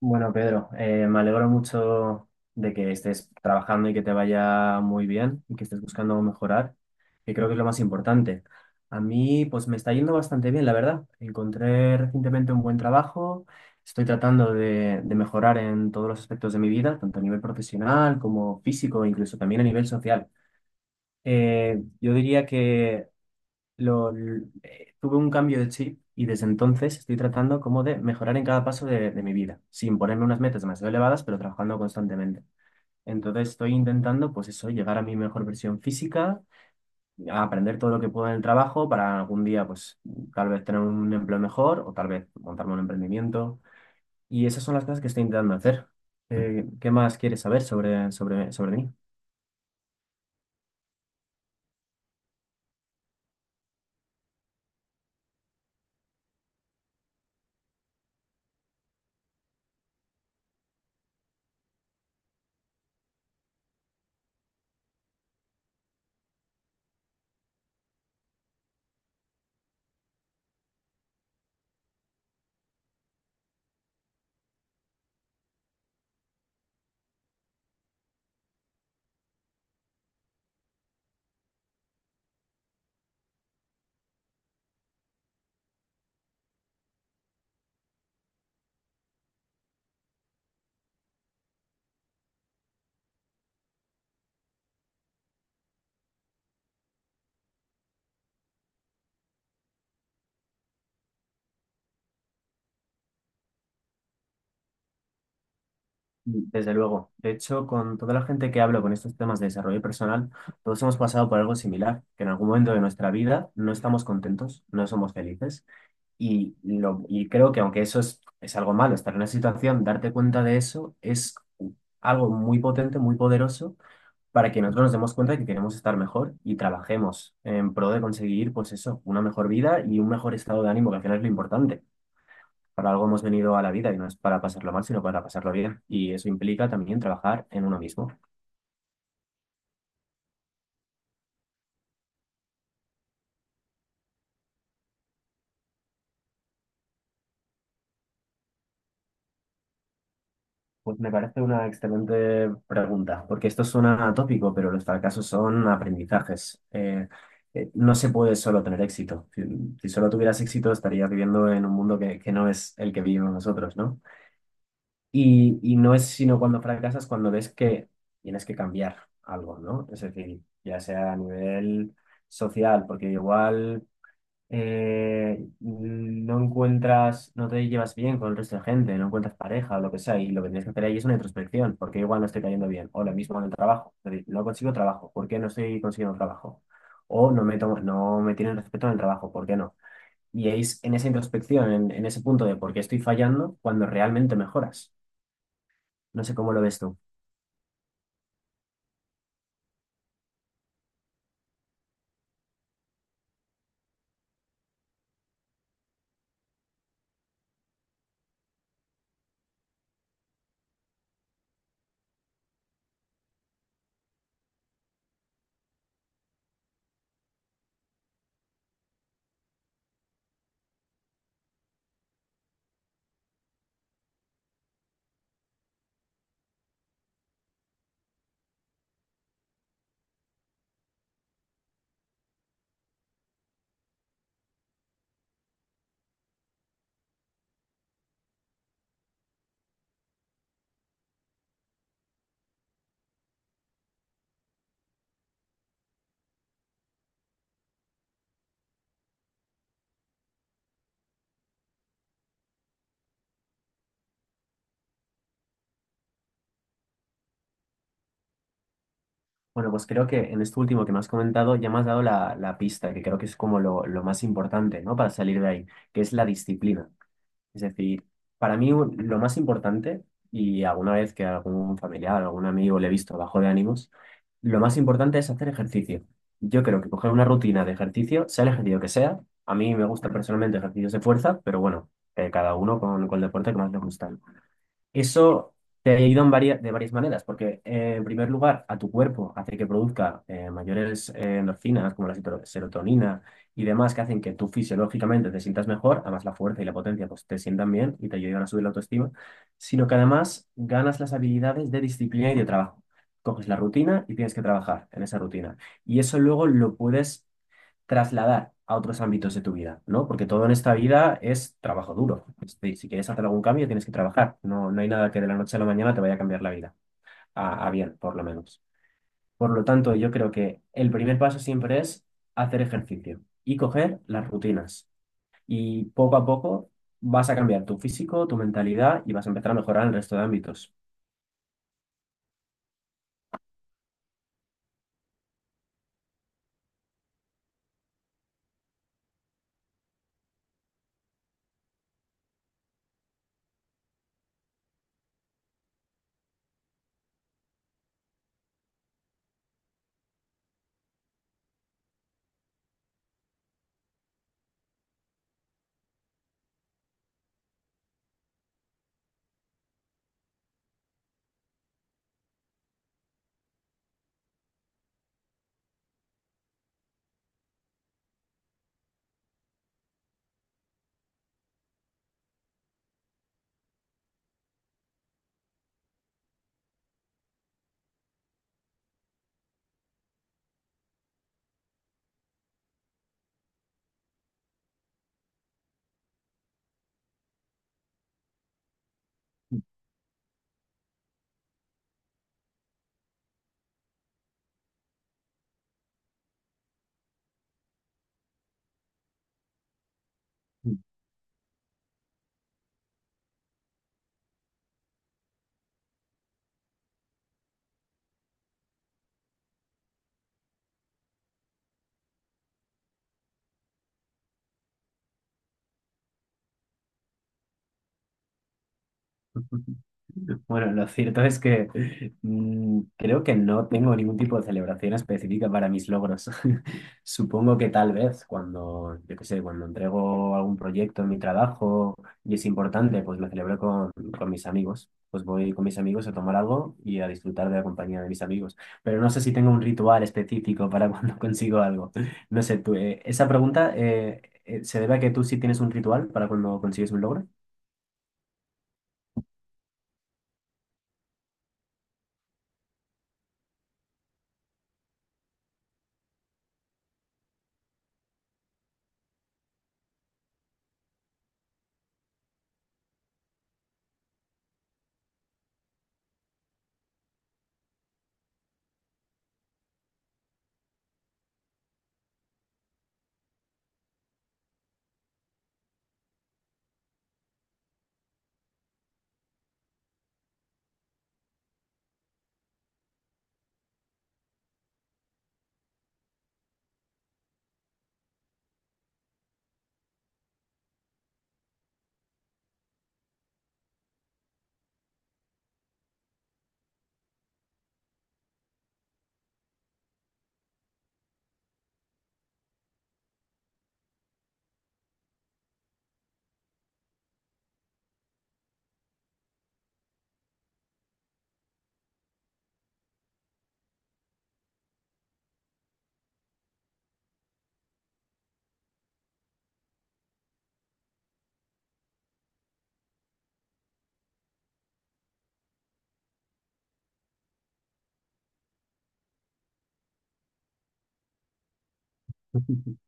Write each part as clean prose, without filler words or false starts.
Bueno, Pedro, me alegro mucho de que estés trabajando y que te vaya muy bien y que estés buscando mejorar, que creo que es lo más importante. A mí, pues me está yendo bastante bien, la verdad. Encontré recientemente un buen trabajo, estoy tratando de mejorar en todos los aspectos de mi vida, tanto a nivel profesional como físico, incluso también a nivel social. Yo diría que tuve un cambio de chip y desde entonces estoy tratando como de mejorar en cada paso de mi vida, sin ponerme unas metas demasiado elevadas, pero trabajando constantemente. Entonces estoy intentando, pues eso, llegar a mi mejor versión física, a aprender todo lo que puedo en el trabajo para algún día, pues tal vez tener un empleo mejor o tal vez montarme un emprendimiento. Y esas son las cosas que estoy intentando hacer. ¿Qué más quieres saber sobre, sobre mí? Mm, desde luego. De hecho, con toda la gente que hablo con estos temas de desarrollo personal, todos hemos pasado por algo similar, que en algún momento de nuestra vida no estamos contentos, no somos felices. Y creo que aunque eso es algo malo, estar en una situación, darte cuenta de eso es algo muy potente, muy poderoso, para que nosotros nos demos cuenta de que queremos estar mejor y trabajemos en pro de conseguir, pues eso, una mejor vida y un mejor estado de ánimo, que al final es lo importante. Para algo hemos venido a la vida y no es para pasarlo mal, sino para pasarlo bien. Y eso implica también trabajar en uno mismo. Pues me parece una excelente pregunta, porque esto suena atópico, pero los fracasos son aprendizajes. No se puede solo tener éxito. Si, si solo tuvieras éxito, estarías viviendo en un mundo que no es el que vivimos nosotros, ¿no? Y no es sino cuando fracasas, cuando ves que tienes que cambiar algo, ¿no? Es decir, ya sea a nivel social, porque igual no encuentras, no te llevas bien con el resto de gente, no encuentras pareja o lo que sea, y lo que tienes que hacer ahí es una introspección, porque igual no estoy cayendo bien, o lo mismo en el trabajo, es decir, no consigo trabajo, ¿por qué no estoy consiguiendo trabajo? O no me tomo- No me tienen respeto en el trabajo, ¿por qué no? Y es en esa introspección, en ese punto de por qué estoy fallando, cuando realmente mejoras. No sé cómo lo ves tú. Bueno, pues creo que en esto último que me has comentado ya me has dado la pista, que creo que es como lo más importante, ¿no? Para salir de ahí, que es la disciplina. Es decir, lo más importante, y alguna vez que algún familiar, algún amigo le he visto bajo de ánimos, lo más importante es hacer ejercicio. Yo creo que coger una rutina de ejercicio, sea el ejercicio que sea, a mí me gusta personalmente ejercicios de fuerza, pero bueno, cada uno con el deporte que más le gusta. Eso te ayuda en de varias maneras, porque en primer lugar, a tu cuerpo hace que produzca mayores endorfinas, como la serotonina y demás, que hacen que tú fisiológicamente te sientas mejor, además la fuerza y la potencia pues, te sientan bien y te ayudan a subir la autoestima, sino que además ganas las habilidades de disciplina y de trabajo. Coges la rutina y tienes que trabajar en esa rutina. Y eso luego lo puedes trasladar a otros ámbitos de tu vida, ¿no? Porque todo en esta vida es trabajo duro. Este, si quieres hacer algún cambio, tienes que trabajar. No, no hay nada que de la noche a la mañana te vaya a cambiar la vida. A bien, por lo menos. Por lo tanto, yo creo que el primer paso siempre es hacer ejercicio y coger las rutinas. Y poco a poco vas a cambiar tu físico, tu mentalidad y vas a empezar a mejorar en el resto de ámbitos. Bueno, lo cierto es que mm, creo que no tengo ningún tipo de celebración específica para mis logros. Supongo que tal vez cuando, yo qué sé, cuando entrego algún proyecto en mi trabajo y es importante, pues lo celebro con mis amigos. Pues voy con mis amigos a tomar algo y a disfrutar de la compañía de mis amigos. Pero no sé si tengo un ritual específico para cuando consigo algo. No sé, tú, esa pregunta se debe a que tú sí tienes un ritual para cuando consigues un logro.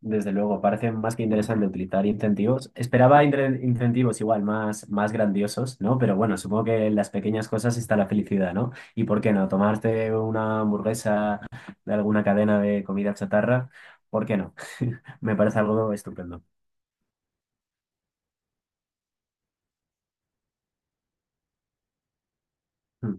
Desde luego, parece más que interesante utilizar incentivos. Esperaba incentivos igual más, más grandiosos, ¿no? Pero bueno, supongo que en las pequeñas cosas está la felicidad, ¿no? ¿Y por qué no? Tomarte una hamburguesa de alguna cadena de comida chatarra, ¿por qué no? Me parece algo estupendo. Mm,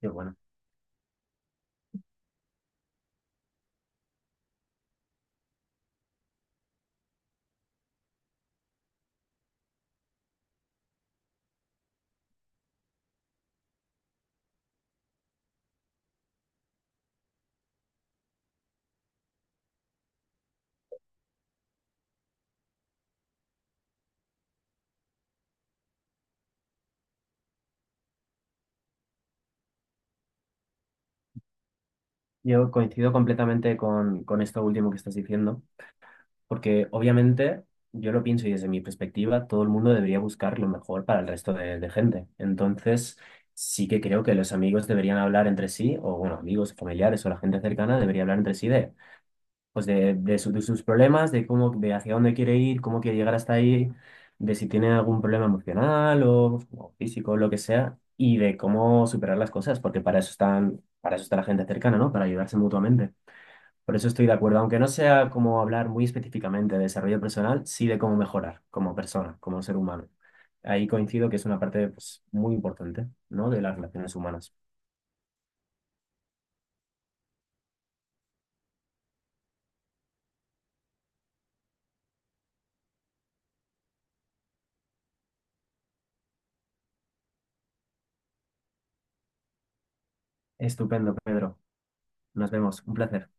qué bueno. Yo coincido completamente con esto último que estás diciendo. Porque obviamente yo lo pienso y desde mi perspectiva todo el mundo debería buscar lo mejor para el resto de gente. Entonces sí que creo que los amigos deberían hablar entre sí, o bueno, amigos, familiares o la gente cercana debería hablar entre sí de, pues de, de sus problemas, de cómo, de hacia dónde quiere ir, cómo quiere llegar hasta ahí, de si tiene algún problema emocional o físico, lo que sea, y de cómo superar las cosas, porque para eso están, para eso está la gente cercana, ¿no? Para ayudarse mutuamente. Por eso estoy de acuerdo, aunque no sea como hablar muy específicamente de desarrollo personal, sí de cómo mejorar como persona, como ser humano. Ahí coincido que es una parte pues, muy importante, ¿no? De las relaciones humanas. Estupendo, Pedro. Nos vemos. Un placer.